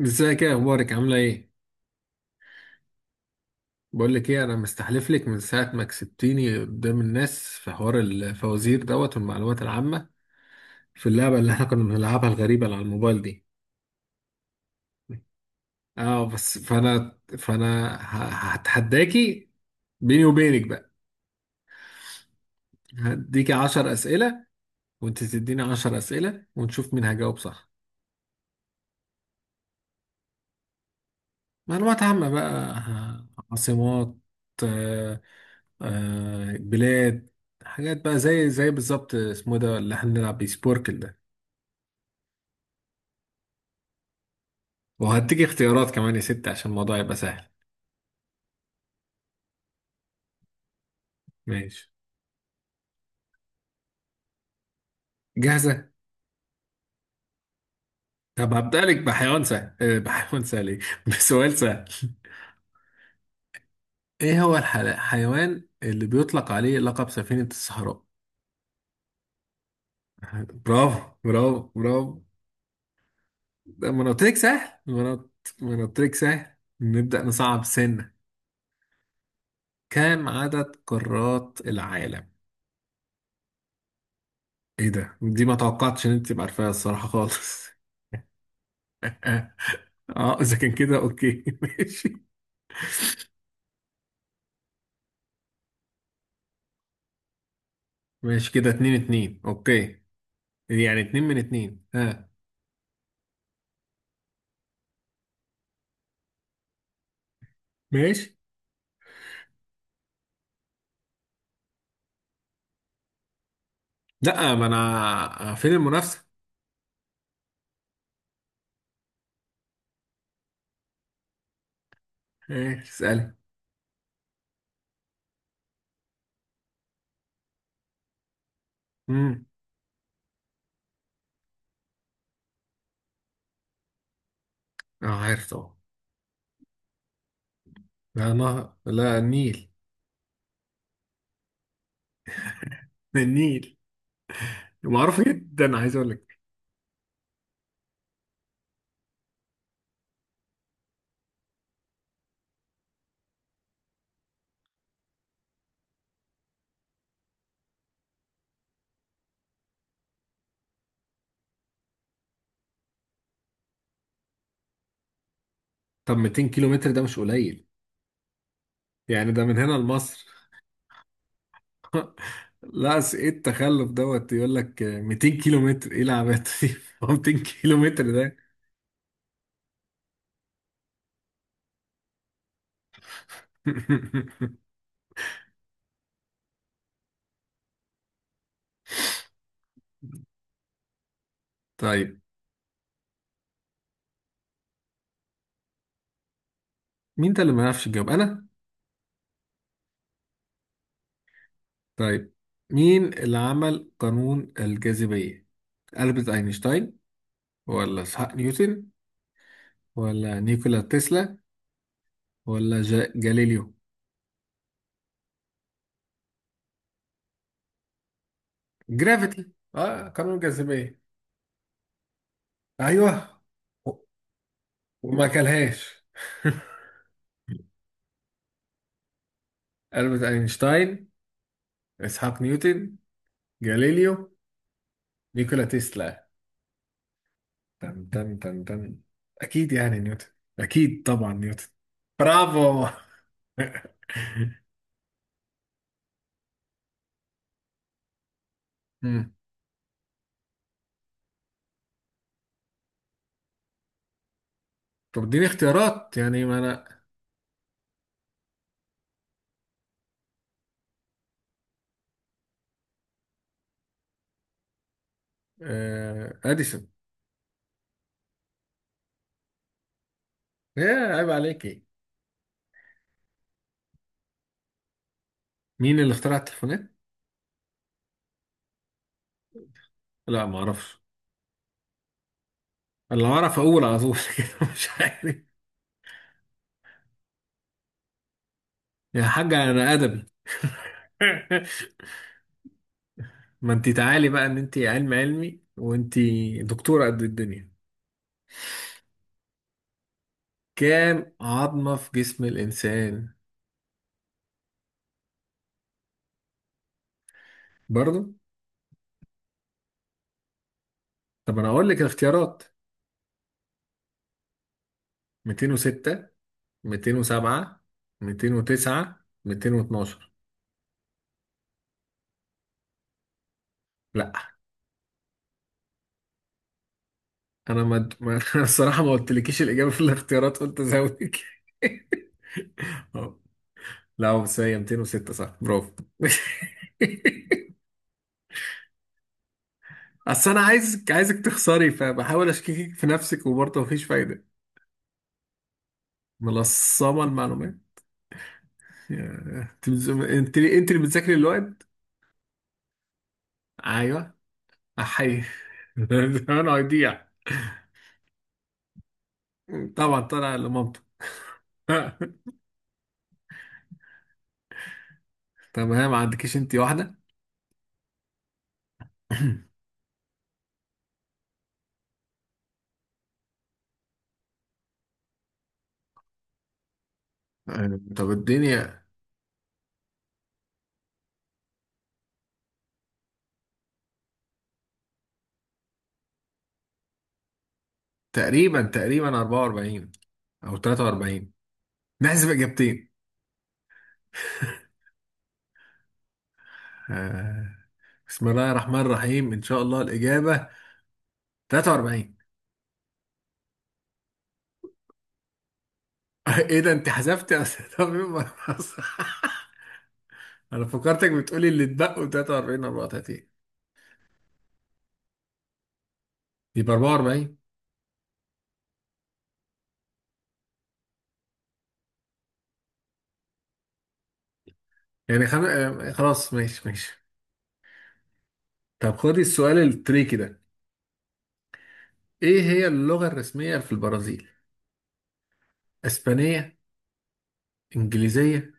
ازيك؟ ايه اخبارك؟ عامله ايه؟ بقول لك ايه، انا مستحلف لك من ساعه ما كسبتيني قدام الناس في حوار الفوازير دوت والمعلومات العامه، في اللعبه اللي احنا كنا بنلعبها الغريبه اللي على الموبايل دي. اه بس هتحداكي بيني وبينك بقى. هديكي 10 اسئله وانت تديني 10 اسئله ونشوف مين هجاوب صح. معلومات عامه بقى، عاصمات، آه، بلاد، حاجات بقى زي بالظبط، اسمه إيه ده اللي احنا بنلعب بيه؟ سبوركل ده. وهديك اختيارات كمان يا ست عشان الموضوع يبقى سهل. ماشي. جاهزة؟ طب هبدأ لك بحيوان سهل، بحيوان سهل، بسؤال سهل. ايه هو الحيوان اللي بيطلق عليه لقب سفينة الصحراء؟ برافو، برافو، برافو. ده ما انا قلت لك سهل ما انا قلت ما أنا قلت لك سهل. نبدأ نصعب سنة. كم عدد قارات العالم؟ ايه ده، دي ما توقعتش ان انت تبقى عارفاها الصراحة خالص. اه اذا كان كده اوكي، ماشي. ماشي، كده اتنين اتنين، اوكي، يعني اتنين من اتنين، ها؟ ماشي. لا، ما انا فين المنافسة؟ ايه، اسألي. امم. اه عارف طبعا. لا نهر، لا، النيل. النيل معروف جدا، عايز اقول لك. طب 200 كيلو متر ده مش قليل، يعني ده من هنا لمصر. لا ايه التخلف دوت؟ يقول لك 200 كيلو متر، ايه العبات دي؟ هو 200 كيلو متر ده! طيب. مين ده اللي ما يعرفش يجاوب؟ انا؟ طيب، مين اللي عمل قانون الجاذبية؟ ألبرت أينشتاين ولا إسحاق نيوتن ولا نيكولا تسلا ولا جاليليو؟ جرافيتي، اه قانون الجاذبية. ايوه. و- وما كلهاش. ألبرت أينشتاين، إسحاق نيوتن، جاليليو، نيكولا تسلا. تن، أكيد يعني نيوتن، أكيد طبعا نيوتن. برافو. مم. طب اديني اختيارات يعني، ما انا. اديسون. ايه؟ عيب عليك، ايه؟ مين اللي اخترع التليفونات؟ لا ما اعرفش. اللي اعرف اقول على طول، كده مش عارف. يا حاجة انا ادبي. ما انت تعالي بقى، ان انت علم علمي، وانت دكتورة قد الدنيا. كام عظمة في جسم الانسان؟ برضو؟ طب انا اقول لك الاختيارات: 206، 207، 209، 212. لا. انا انا الصراحة ما قلتلكيش الاجابة في الاختيارات، قلت ازودك. لا هو بس هي 206، صح، برافو. اصل انا عايزك تخسري، فبحاول اشككك في نفسك، وبرضه مفيش فايده. ملصمه المعلومات. انت انت اللي بتذاكري الوقت. ايوه. احي. انا هيضيع. طبعا طالع لمامته. طب هي ما عندكيش انت واحده؟ طب الدنيا، تقريبا 44 او 43، نحسب اجابتين. آه، بسم الله الرحمن الرحيم، ان شاء الله الاجابه 43. ايه ده، انت حذفت 43 مرة؟ انا فكرتك بتقولي اللي اتبقوا 43، 34. يبقى 44. يعني خم... آه، خلاص، ماشي ماشي. طب خدي السؤال التريكي ده. ايه هي اللغة الرسمية في البرازيل؟ اسبانية، انجليزية،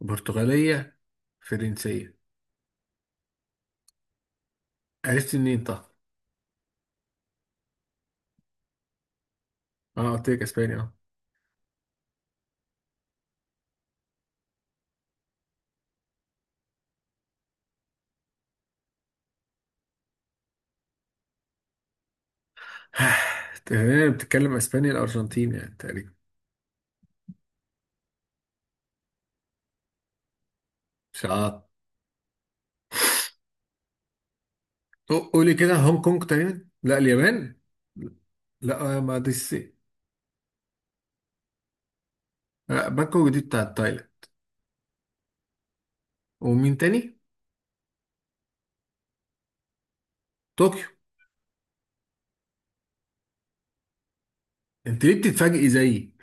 برتغالية، فرنسية؟ عرفت منين طب؟ اه قلت لك اسباني، اه. تقريبا بتتكلم اسباني الارجنتين يعني تقريبا. شاط. قولي كده، هونج كونج تقريبا، لا اليابان. لا، ما دي الصين. لا، بانكوك دي بتاعت تايلاند. ومين تاني؟ طوكيو. انت ليه بتتفاجئي زيي؟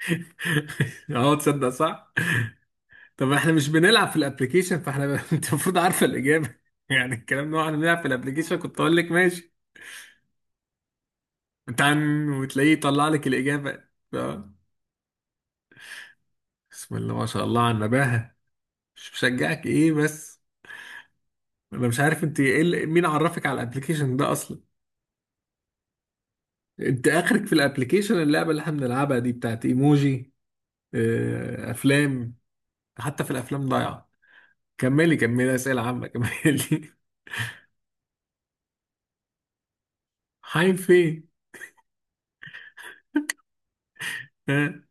اه تصدق صح؟ طب احنا مش بنلعب في الابليكيشن، فاحنا ب... انت المفروض عارفه الاجابه، يعني الكلام ده، احنا بنلعب في الابليكيشن، كنت اقول لك ماشي. تعن وتلاقيه يطلع لك الاجابه. اه. بسم الله ما شاء الله على النباهه. مش بشجعك؟ ايه بس؟ انا مش عارف انت ايه اللي... مين عرفك على الابليكيشن ده اصلا؟ انت اخرك في الابليكيشن اللعبه اللي احنا بنلعبها دي بتاعت ايموجي، افلام. حتى في الافلام ضايعه. كملي، اسئله عامه، كملي. حي فين؟ ها.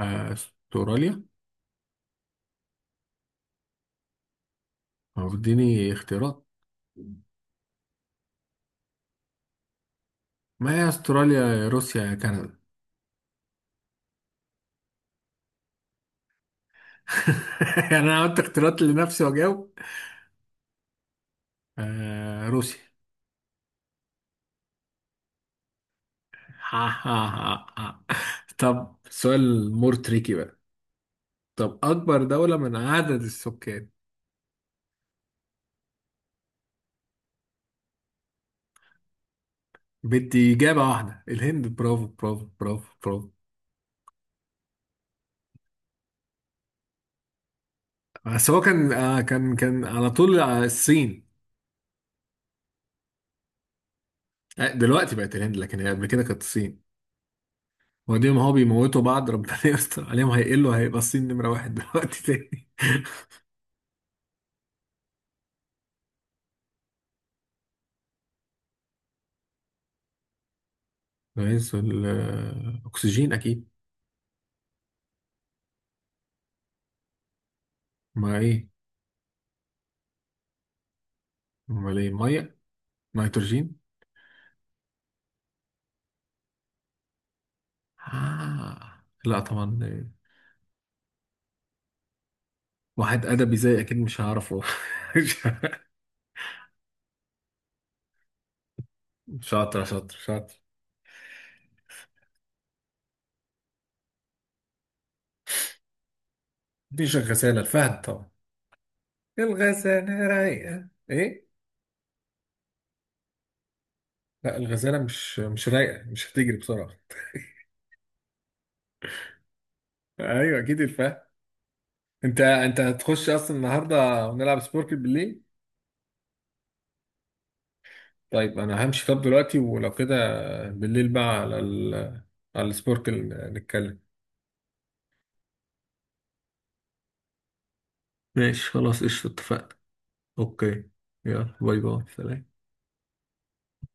استراليا؟ هو اديني اختيارات. ما هي استراليا يا روسيا يا كندا. يعني انا عملت اختيارات لنفسي واجاوب. روسيا. ها ها ها ها. طب سؤال مور تريكي بقى. طب اكبر دولة من عدد السكان؟ بدي اجابة واحدة. الهند. برافو، برافو، برافو، برافو. بس هو كان، كان على طول الصين. دلوقتي بقت الهند، لكن هي قبل كده كانت الصين. وبعدين ما هو بيموتوا بعض، ربنا يستر عليهم، هيقلوا، هيبقى الصين نمرة واحد دلوقتي تاني. رئيس الأكسجين أكيد. ما إيه؟ أمال إيه؟ مية؟ نيتروجين. لا طبعا، واحد أدبي زي أكيد مش هعرفه. شاطر، شاطر. مفيش الغسالة، الفهد طبعا. الغسالة رايقة إيه؟ لا الغزالة مش رايقة، مش هتجري بسرعة. أيوة أكيد الفهد. انت هتخش اصلا النهارده ونلعب سبوركل بالليل؟ طيب انا همشي طب دلوقتي، ولو كده بالليل بقى على ال... على السبوركل نتكلم. ماشي خلاص قشطة، اتفقنا. اوكي. يلا، باي باي، سلام.